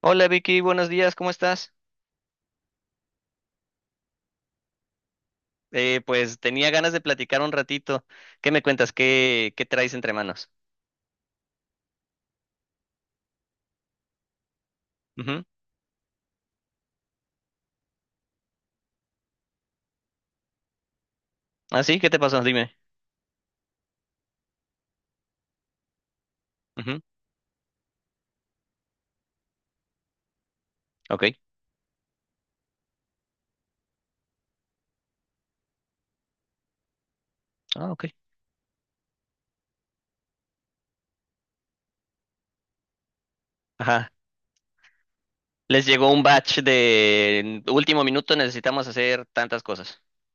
Hola Vicky, buenos días, ¿cómo estás? Pues tenía ganas de platicar un ratito. ¿Qué me cuentas? ¿Qué traes entre manos? Ujú. ¿Ah, sí? ¿Qué te pasó? Dime. Ujú. Ok. Ah, ok. Ajá. Les llegó un batch de "En último minuto, necesitamos hacer tantas cosas."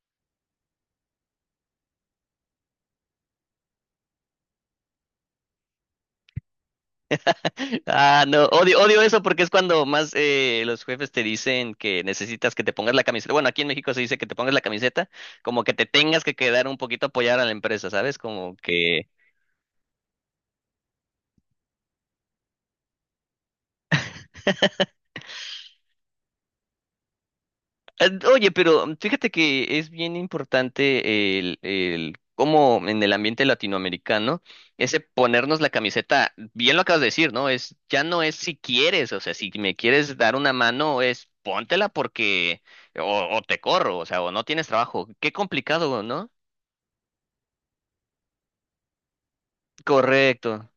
Ah, no, odio, odio eso porque es cuando más los jefes te dicen que necesitas que te pongas la camiseta. Bueno, aquí en México se dice que te pongas la camiseta, como que te tengas que quedar un poquito a apoyar a la empresa, ¿sabes? Como que. Ah, oye, pero fíjate que es bien importante el cómo en el ambiente latinoamericano, ese ponernos la camiseta, bien lo acabas de decir, ¿no? Es, ya no es si quieres, o sea, si me quieres dar una mano, es póntela porque, o te corro, o sea, o no tienes trabajo. Qué complicado, ¿no? Correcto.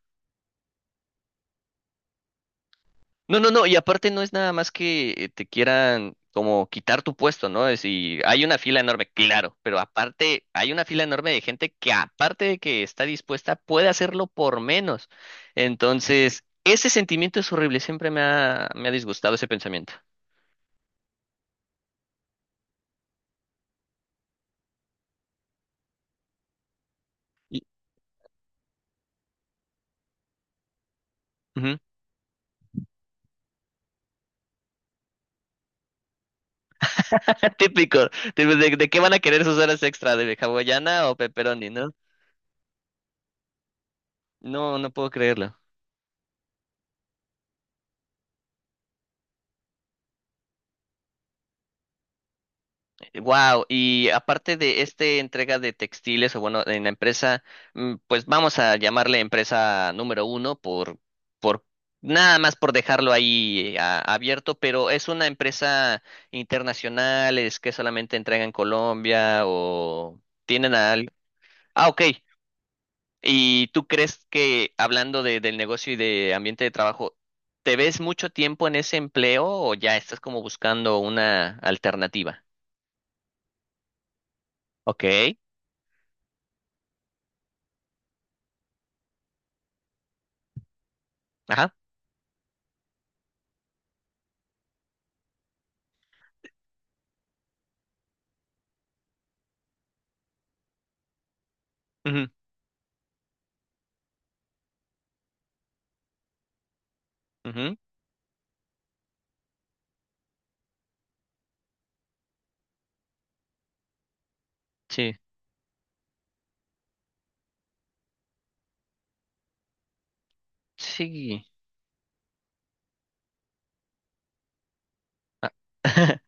No, no, no, y aparte no es nada más que te quieran como quitar tu puesto, ¿no? Es y hay una fila enorme, claro, pero aparte hay una fila enorme de gente que aparte de que está dispuesta, puede hacerlo por menos. Entonces, ese sentimiento es horrible, siempre me ha disgustado ese pensamiento. Y- ujú. Típico, tipo, ¿de qué van a querer sus horas extra? ¿De hawaiana o pepperoni, no? No, no puedo creerlo. Wow, y aparte de esta entrega de textiles, o bueno, en la empresa, pues vamos a llamarle empresa número uno por nada más por dejarlo ahí abierto, pero es una empresa internacional, ¿es que solamente entrega en Colombia o tienen Ah, ok. ¿Y tú crees que, hablando del negocio y de ambiente de trabajo, te ves mucho tiempo en ese empleo o ya estás como buscando una alternativa? Ok. Ajá. Ujú, sí, sí. Ah.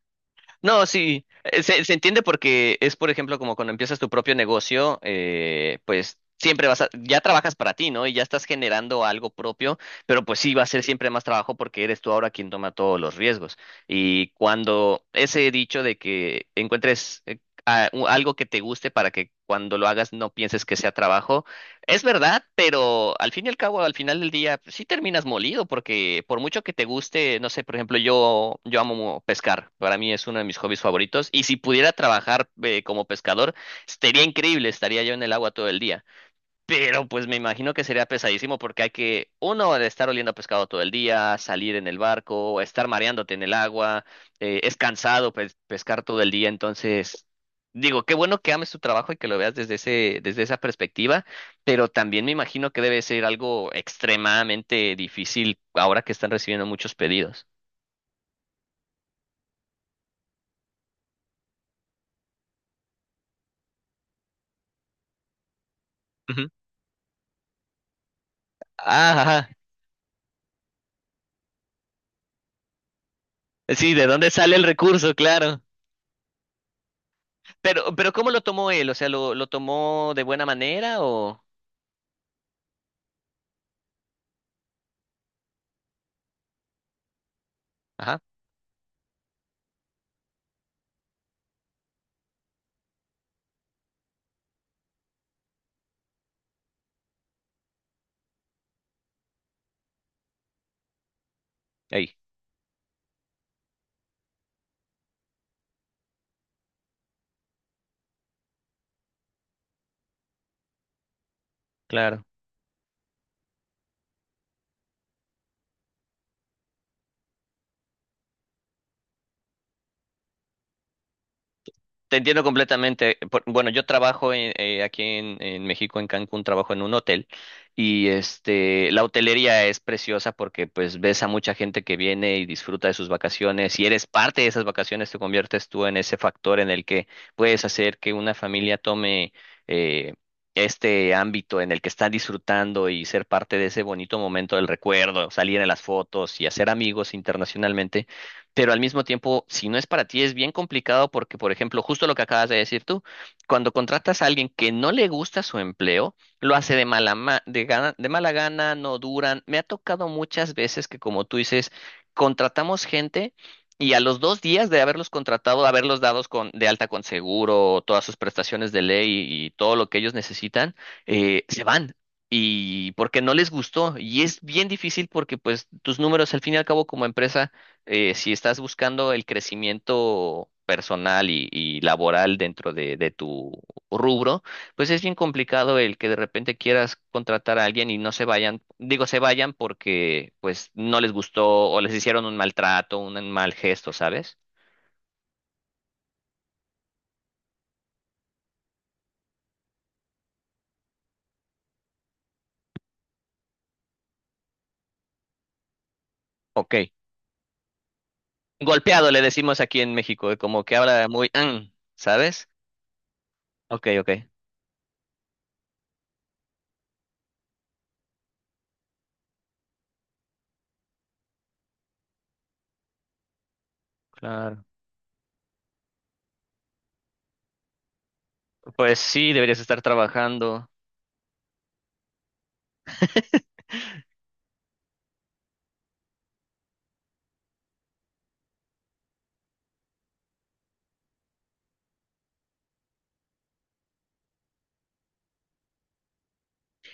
No, sí, se entiende porque es, por ejemplo, como cuando empiezas tu propio negocio, pues siempre ya trabajas para ti, ¿no? Y ya estás generando algo propio, pero pues sí va a ser siempre más trabajo porque eres tú ahora quien toma todos los riesgos. Y cuando ese dicho de que encuentres algo que te guste para que cuando lo hagas no pienses que sea trabajo. Es verdad, pero al fin y al cabo, al final del día, pues, sí terminas molido, porque por mucho que te guste, no sé, por ejemplo, yo amo pescar, para mí es uno de mis hobbies favoritos, y si pudiera trabajar como pescador, estaría increíble, estaría yo en el agua todo el día. Pero pues me imagino que sería pesadísimo porque hay que, uno, de estar oliendo a pescado todo el día, salir en el barco, estar mareándote en el agua, es cansado pues, pescar todo el día. Entonces digo, qué bueno que ames tu trabajo y que lo veas desde esa perspectiva, pero también me imagino que debe ser algo extremadamente difícil ahora que están recibiendo muchos pedidos. Ujú. Ah, ajá. Sí, ¿de dónde sale el recurso? Claro. Pero ¿cómo lo tomó él? O sea, ¿lo tomó de buena manera o? Ajá. Ahí. Claro, te entiendo completamente. Bueno, yo trabajo aquí en México, en Cancún, trabajo en un hotel y la hotelería es preciosa porque pues ves a mucha gente que viene y disfruta de sus vacaciones y eres parte de esas vacaciones, te conviertes tú en ese factor en el que puedes hacer que una familia tome eh, este ámbito en el que están disfrutando y ser parte de ese bonito momento del recuerdo, salir en las fotos y hacer amigos internacionalmente. Pero al mismo tiempo, si no es para ti, es bien complicado porque, por ejemplo, justo lo que acabas de decir tú, cuando contratas a alguien que no le gusta su empleo, lo hace de mala gana, no duran. Me ha tocado muchas veces que, como tú dices, contratamos gente. Y a los 2 días de haberlos contratado, de haberlos dados de alta con seguro, todas sus prestaciones de ley y todo lo que ellos necesitan, se van. Y porque no les gustó. Y es bien difícil porque pues tus números al fin y al cabo, como empresa, si estás buscando el crecimiento personal y laboral dentro de tu rubro, pues es bien complicado el que de repente quieras contratar a alguien y no se vayan, digo, se vayan porque pues no les gustó o les hicieron un maltrato, un mal gesto, ¿sabes? Ok, golpeado le decimos aquí en México, como que habla muy, "mm", ¿sabes? Ok, ok. Claro. Pues sí, deberías estar trabajando.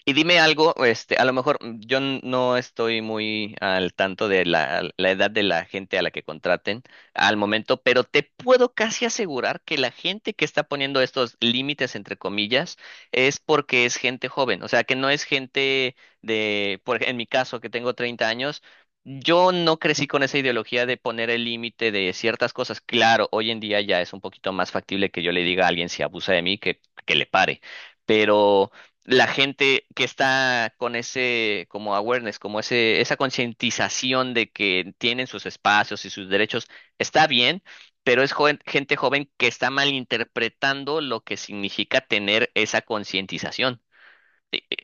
Y dime algo, a lo mejor yo no estoy muy al tanto de la edad de la gente a la que contraten al momento, pero te puedo casi asegurar que la gente que está poniendo estos límites, entre comillas, es porque es gente joven, o sea, que no es gente en mi caso, que tengo 30 años. Yo no crecí con esa ideología de poner el límite de ciertas cosas. Claro, hoy en día ya es un poquito más factible que yo le diga a alguien, si abusa de mí, que, le pare. Pero la gente que está con ese como awareness, como esa concientización de que tienen sus espacios y sus derechos, está bien, pero es gente joven que está malinterpretando lo que significa tener esa concientización. Eh, eh,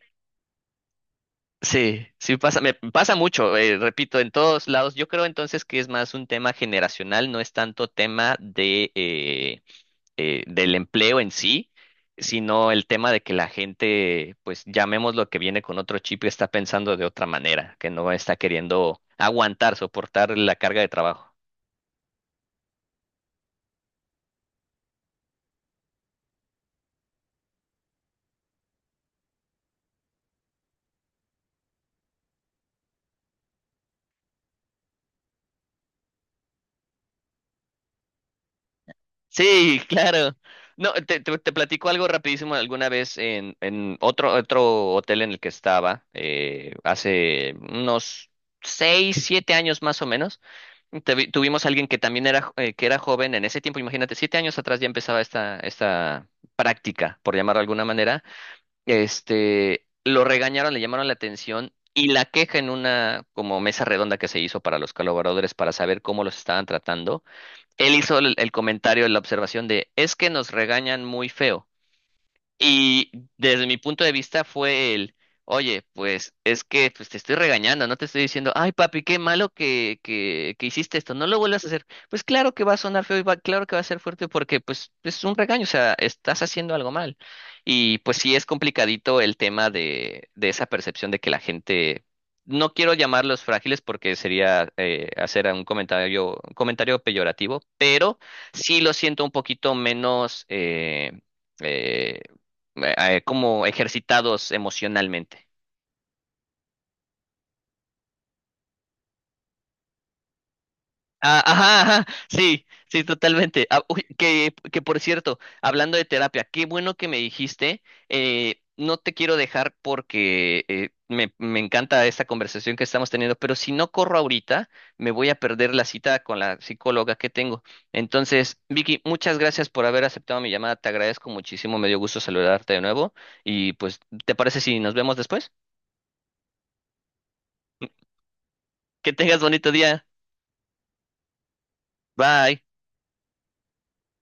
Sí, sí pasa, me pasa mucho, repito, en todos lados. Yo creo entonces que es más un tema generacional, no es tanto tema de del empleo en sí, sino el tema de que la gente, pues llamemos, lo que viene con otro chip, está pensando de otra manera, que no está queriendo aguantar, soportar la carga de trabajo. Sí, claro. No, te platico algo rapidísimo. Alguna vez en otro hotel en el que estaba, hace unos 6, 7 años más o menos, tuvimos a alguien que también era, que era joven en ese tiempo. Imagínate, 7 años atrás ya empezaba esta práctica, por llamarlo de alguna manera. Lo regañaron, le llamaron la atención, y la queja, en una como mesa redonda que se hizo para los colaboradores para saber cómo los estaban tratando, él hizo el comentario, la observación de, es que nos regañan muy feo. Y desde mi punto de vista fue el, oye, pues es que, pues, te estoy regañando, no te estoy diciendo, ay papi, qué malo que, que hiciste esto, no lo vuelvas a hacer. Pues claro que va a sonar feo y claro que va a ser fuerte porque pues es un regaño, o sea, estás haciendo algo mal. Y pues sí es complicadito el tema de esa percepción de que la gente, no quiero llamarlos frágiles porque sería hacer un comentario peyorativo, pero sí lo siento un poquito menos eh, como ejercitados emocionalmente. Ah, ajá, ajá, sí, sí, totalmente. Ah, uy, que por cierto, hablando de terapia, qué bueno que me dijiste, no te quiero dejar porque me encanta esta conversación que estamos teniendo, pero si no corro ahorita, me voy a perder la cita con la psicóloga que tengo. Entonces, Vicky, muchas gracias por haber aceptado mi llamada, te agradezco muchísimo, me dio gusto saludarte de nuevo y pues, ¿te parece si nos vemos después? Que tengas bonito día. Bye.